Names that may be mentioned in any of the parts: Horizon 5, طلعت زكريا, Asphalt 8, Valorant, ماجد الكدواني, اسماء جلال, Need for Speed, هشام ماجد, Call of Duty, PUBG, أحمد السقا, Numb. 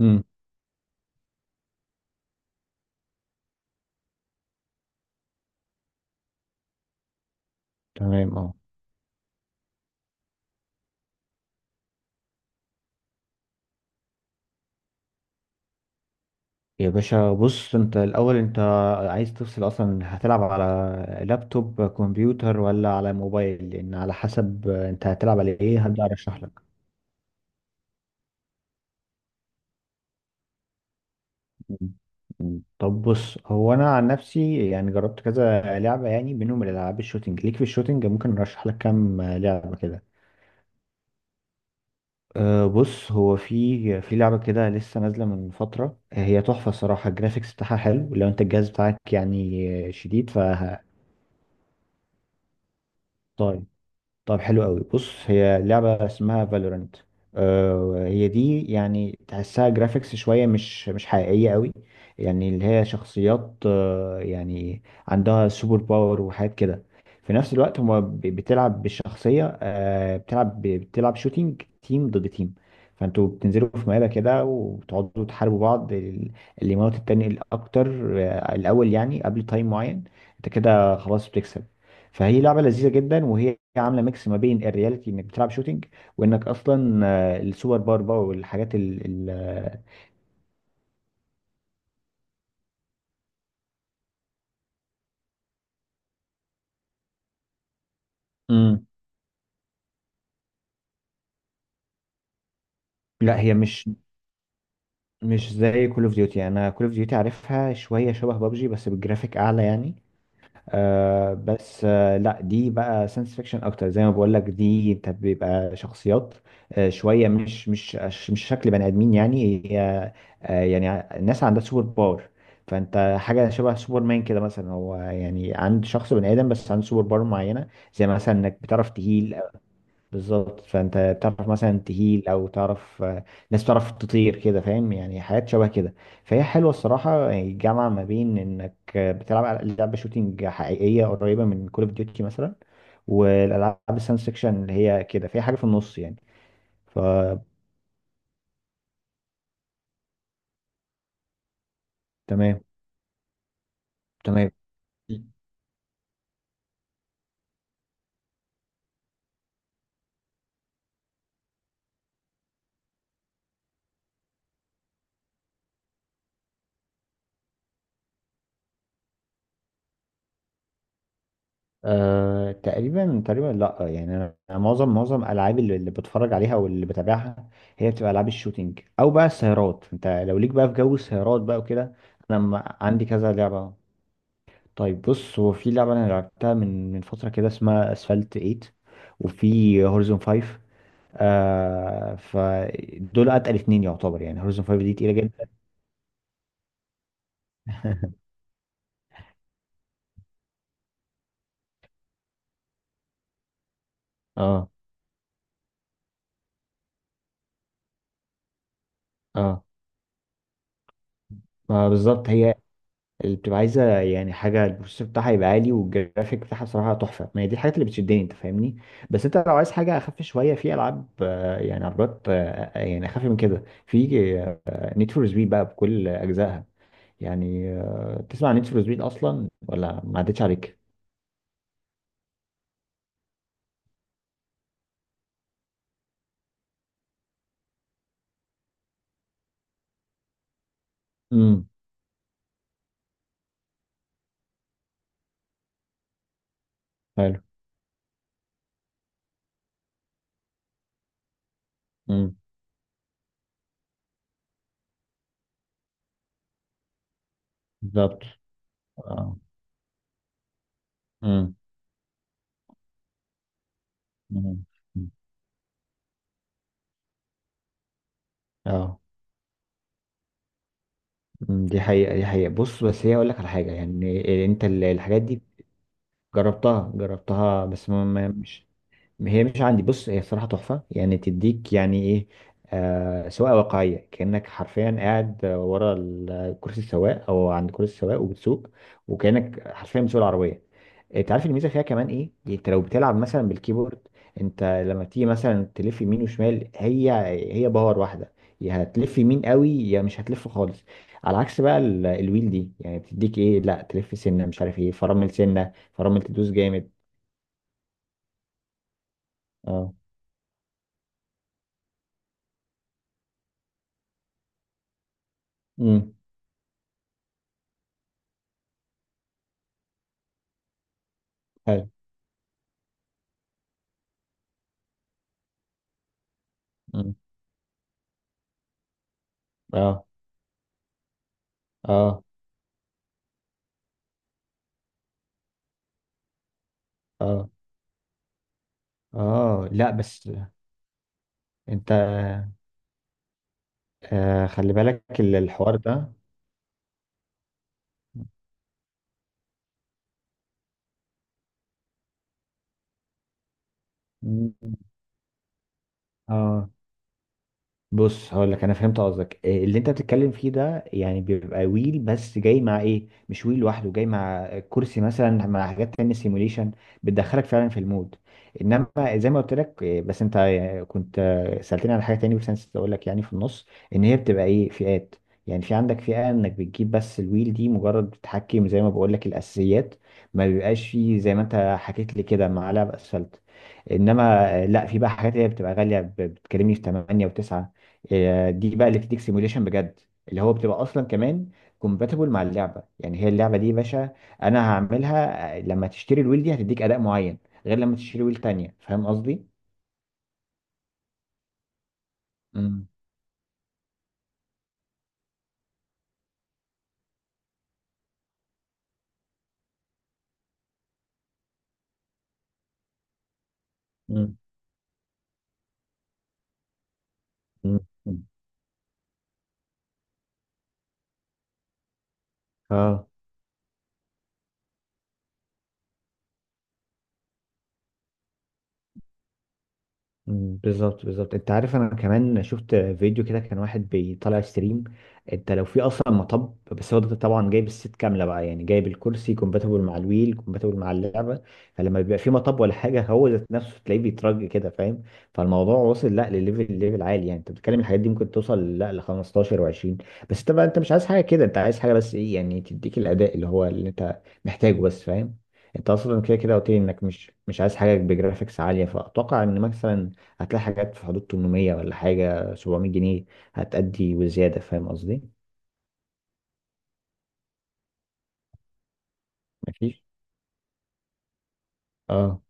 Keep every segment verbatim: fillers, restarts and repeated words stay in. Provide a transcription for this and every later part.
امم، تمام، اه. يا باشا، بص انت الاول، انت عايز تفصل اصلا هتلعب على لابتوب كمبيوتر ولا على موبايل؟ لان على حسب انت هتلعب على ايه هبدأ ارشح لك. مم. مم. طب بص، هو انا عن نفسي يعني جربت كذا لعبة، يعني منهم الالعاب الشوتينج. ليك في الشوتينج ممكن ارشح لك كام لعبة كده. أه، بص هو في في لعبة كده لسه نازلة من فترة، هي تحفة الصراحة. الجرافيكس بتاعها حلو، لو انت الجهاز بتاعك يعني شديد. ف طيب. طب حلو قوي. بص هي لعبة اسمها فالورنت. آه هي دي يعني تحسها جرافيكس شوية مش مش حقيقية قوي. يعني اللي هي شخصيات، آه يعني عندها سوبر باور وحاجات كده. في نفس الوقت هما ب- بتلعب بالشخصية، آه بتلعب ب- بتلعب شوتينج، تيم ضد تيم. فانتوا بتنزلوا في مقابلة كده وتقعدوا تحاربوا بعض. ال- اللي يموت التاني الأكتر آه، الأول، يعني قبل تايم معين انت كده خلاص بتكسب. فهي لعبه لذيذه جدا، وهي عامله ميكس ما بين الرياليتي انك بتلعب شوتينج، وانك اصلا آه، السوبر باور بقى، والحاجات ال ال آه، مم. لا هي مش مش زي كول اوف ديوتي. انا كول اوف ديوتي عارفها، شويه شبه بابجي بس بالجرافيك اعلى يعني. آه بس آه لا دي بقى ساينس فيكشن اكتر. زي ما بقول لك، دي انت بيبقى شخصيات آه شويه مش مش مش شكل بني ادمين يعني. هي آه يعني الناس عندها سوبر باور. فانت حاجه شبه سوبر مان كده مثلا. هو يعني عند شخص بني ادم، بس عنده سوبر باور معينه، زي مثلا انك بتعرف تهيل. بالظبط، فانت تعرف مثلا تهيل، او تعرف آه، ناس تعرف تطير كده، فاهم؟ يعني حاجات شبه كده. فهي حلوه الصراحه. يعني الجامعه ما بين انك آه، بتلعب على لعبه شوتينج حقيقيه قريبه من كول اوف ديوتي مثلا، والالعاب الساينس فيكشن اللي هي كده فيها حاجه في النص يعني. فتمام. تمام. أه تقريبا تقريبا، لا يعني انا معظم معظم الالعاب اللي اللي بتفرج عليها واللي بتابعها هي بتبقى العاب الشوتينج، او بقى السيارات. انت لو ليك بقى في جو السيارات بقى وكده، انا م- عندي كذا لعبه. طيب بص، هو في لعبه انا لعبتها من من فتره كده، اسمها اسفلت تمانية، وفي هورزون خمسة. آه فدول اتقل اتنين يعتبر، يعني هورزون خمسة دي تقيله جدا. اه. اه، ما بالظبط هي اللي بتبقى عايزه يعني حاجه، البروسيسور بتاعها يبقى عالي، والجرافيك بتاعها صراحه تحفه. ما هي دي الحاجات اللي بتشدني، انت فاهمني. بس انت لو عايز حاجه اخف شويه، في العاب، آه، يعني عربيات، آه، آه، يعني اخف من كده، في نيد فور سبيد بقى بكل اجزائها. يعني آه، تسمع نيد فور سبيد اصلا ولا ما عدتش عليك؟ امم، حلو. امم، بالظبط. اه. امم، أمم. اه. أمم، دي حقيقة. دي حقيقة، بص بس هي اقول لك على حاجة. يعني آه، انت ال- الحاجات دي، جربتها جربتها بس ما ما- مش، هي مش عندي. بص هي الصراحة تحفة، يعني تديك يعني ايه، آه سواقة واقعية، كأنك حرفيا قاعد ورا ال- كرسي السواق، او عند كرسي السواق وبتسوق، وكأنك حرفيا بتسوق العربية. انت عارف الميزة فيها كمان ايه؟ يعني انت لو بتلعب مثلا بالكيبورد، انت لما تيجي مثلا تلف يمين وشمال، هي هي باور واحدة. يا هتلف يمين قوي يا مش هتلف خالص. على عكس بقى ال- الويل دي، يعني بتديك ايه، لا تلف سنة مش عارف ايه، فرامل سنة، فرامل تدوس جامد. اه. امم، حلو. اه. اه. اه. اه. لا بس انت آه خلي بالك ال- الحوار ده. مم. اه، بص هقول لك انا فهمت قصدك إيه. اللي انت بتتكلم فيه ده يعني بيبقى ويل، بس جاي مع ايه، مش ويل لوحده، جاي مع كرسي مثلا، مع حاجات تانية، سيموليشن، بتدخلك فعلا في المود. انما زي ما قلت لك إيه، بس انت كنت سألتني على حاجة تانية، بس انا نسيت اقول لك يعني في النص، ان هي بتبقى ايه، فئات. يعني في عندك فئة انك بتجيب بس الويل دي، مجرد بتحكم زي ما بقول لك الاساسيات. ما بيبقاش فيه زي ما انت حكيت لي كده معلقة بأسفلت. انما آه، لا في بقى حاجات هي بتبقى غالية، ب- بتكلمني في تمانية و9. هي دي بقى اللي بتديك سيموليشن بجد، اللي هو بتبقى اصلا كمان كومباتبل مع اللعبه. يعني هي اللعبه دي يا باشا انا هعملها. آه، لما تشتري الويل دي هتديك اداء معين، غير لما تشتري ويل تانية. فاهم قصدي؟ مم. مم. مم. مم. اه، مم، بالظبط بالظبط. انت عارف انا كمان شفت فيديو كده، كان واحد بيطلع ستريم. انت لو في اصلا مطب، بس هو ده طبعا جايب الست كامله بقى، يعني جايب الكرسي كومباتبل مع الويل، كومباتبل مع اللعبه. فلما بيبقى في مطب ولا حاجه، هو ذات نفسه تلاقيه بيترج كده، فاهم؟ فالموضوع وصل لا لليفل، ليفل عالي يعني. انت بتتكلم الحاجات دي ممكن توصل لا ل خمستاشر و20. بس انت بقى، انت مش عايز حاجه كده، انت عايز حاجه بس ايه يعني تديك الاداء اللي هو اللي انت محتاجه بس، فاهم؟ انت اصلا كده كده قلت لي انك مش مش عايز حاجه بجرافيكس عاليه، فاتوقع ان مثلا هتلاقي حاجات في حدود تمنمية ولا حاجة سبعمائة جنيه هتأدي وزيادة. فاهم قصدي؟ مفيش. اه.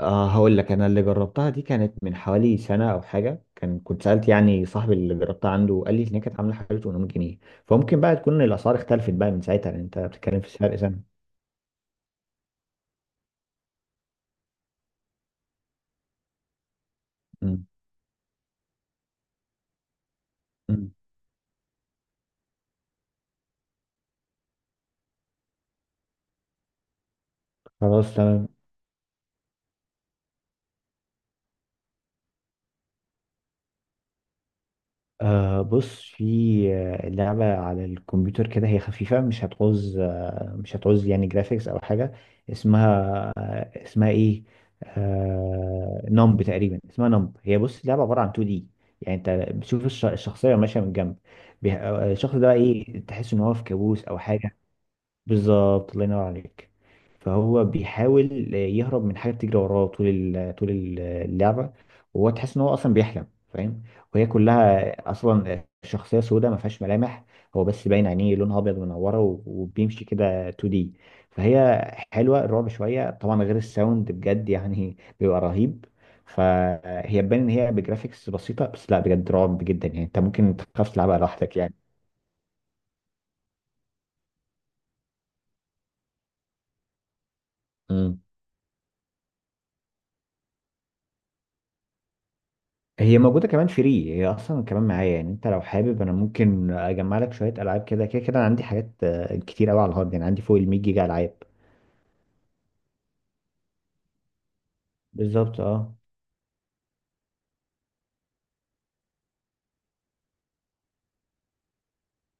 اه هقول لك، انا اللي جربتها دي كانت من حوالي سنة او حاجة، كان كنت سألت يعني صاحبي اللي جربتها عنده، قال لي ان هي كانت عاملة حوالي تمنمية جنيه. فممكن بقى تكون الاسعار اختلفت بقى من ساعتها، لان انت بتتكلم في سعر سنة. أمم. أمم. خلاص تمام. أه بص، في آه، لعبة على الكمبيوتر كده، هي خفيفة. مش هتعوز آه، مش هتعوز يعني جرافيكس أو حاجة. اسمها آه، اسمها إيه، آه نمب تقريبا اسمها نمب. هي بص لعبة عبارة عن تو دي. يعني أنت بتشوف الش- الشخصية ماشية من جنب. بيه- آه، الشخص ده إيه، تحس إن هو في كابوس أو حاجة. بالظبط، الله ينور عليك. فهو بيحاول يهرب من حاجه بتجري وراه طول ال- طول اللعبه. وهو تحس ان هو اصلا بيحلم، فاهم؟ وهي كلها اصلا شخصيه سوداء ما فيهاش ملامح. هو بس باين عينيه لونها ابيض منوره، و- وبيمشي كده اتنين دي. فهي حلوه. الرعب شويه طبعا، غير الساوند بجد يعني بيبقى رهيب. فهي تبان ان هي بجرافيكس بسيطه، بس لا بجد رعب جدا يعني، انت ممكن تخاف تلعبها لوحدك. يعني هي موجودة كمان فري. هي أصلا كمان معايا، يعني أنت لو حابب أنا ممكن أجمع لك شوية ألعاب كده كده كده. أنا عندي حاجات آه، كتير أوي على الهارد، يعني عندي فوق ال مية جيجا ألعاب. بالظبط. أه.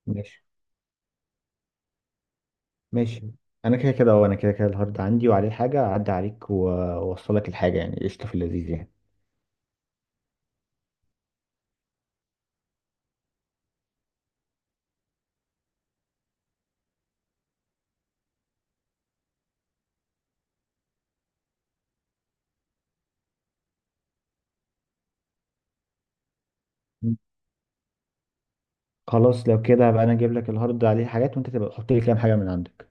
ماشي ماشي. أنا كده كده أه أنا كده كده الهارد عندي، وعليه حاجة، أعدي عليك وأوصلك الحاجة يعني قشطة. في اللذيذ يعني. م. خلاص لو كده هبقى أنا أجيب لك الهارد عليه حاجات، وأنت تبقى تحط لي كام حاجة من عندك.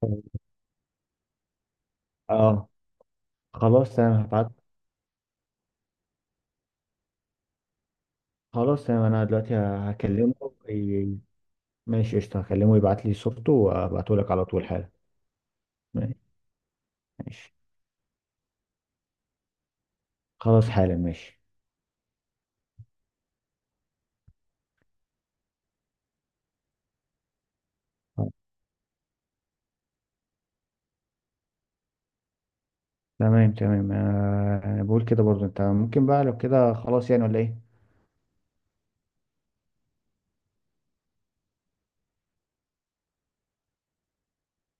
تمام. أه خلاص تمام هبعت. خلاص تمام أنا دلوقتي هكلمه. ي- ماشي قشطة. هكلمه يبعت لي صورته وأبعته لك على طول حالا. ماشي. خلاص حالا ماشي. تمام تمام، آه، انا بقول كده برضو، انت ممكن بقى لو كده خلاص يعني، ولا ايه؟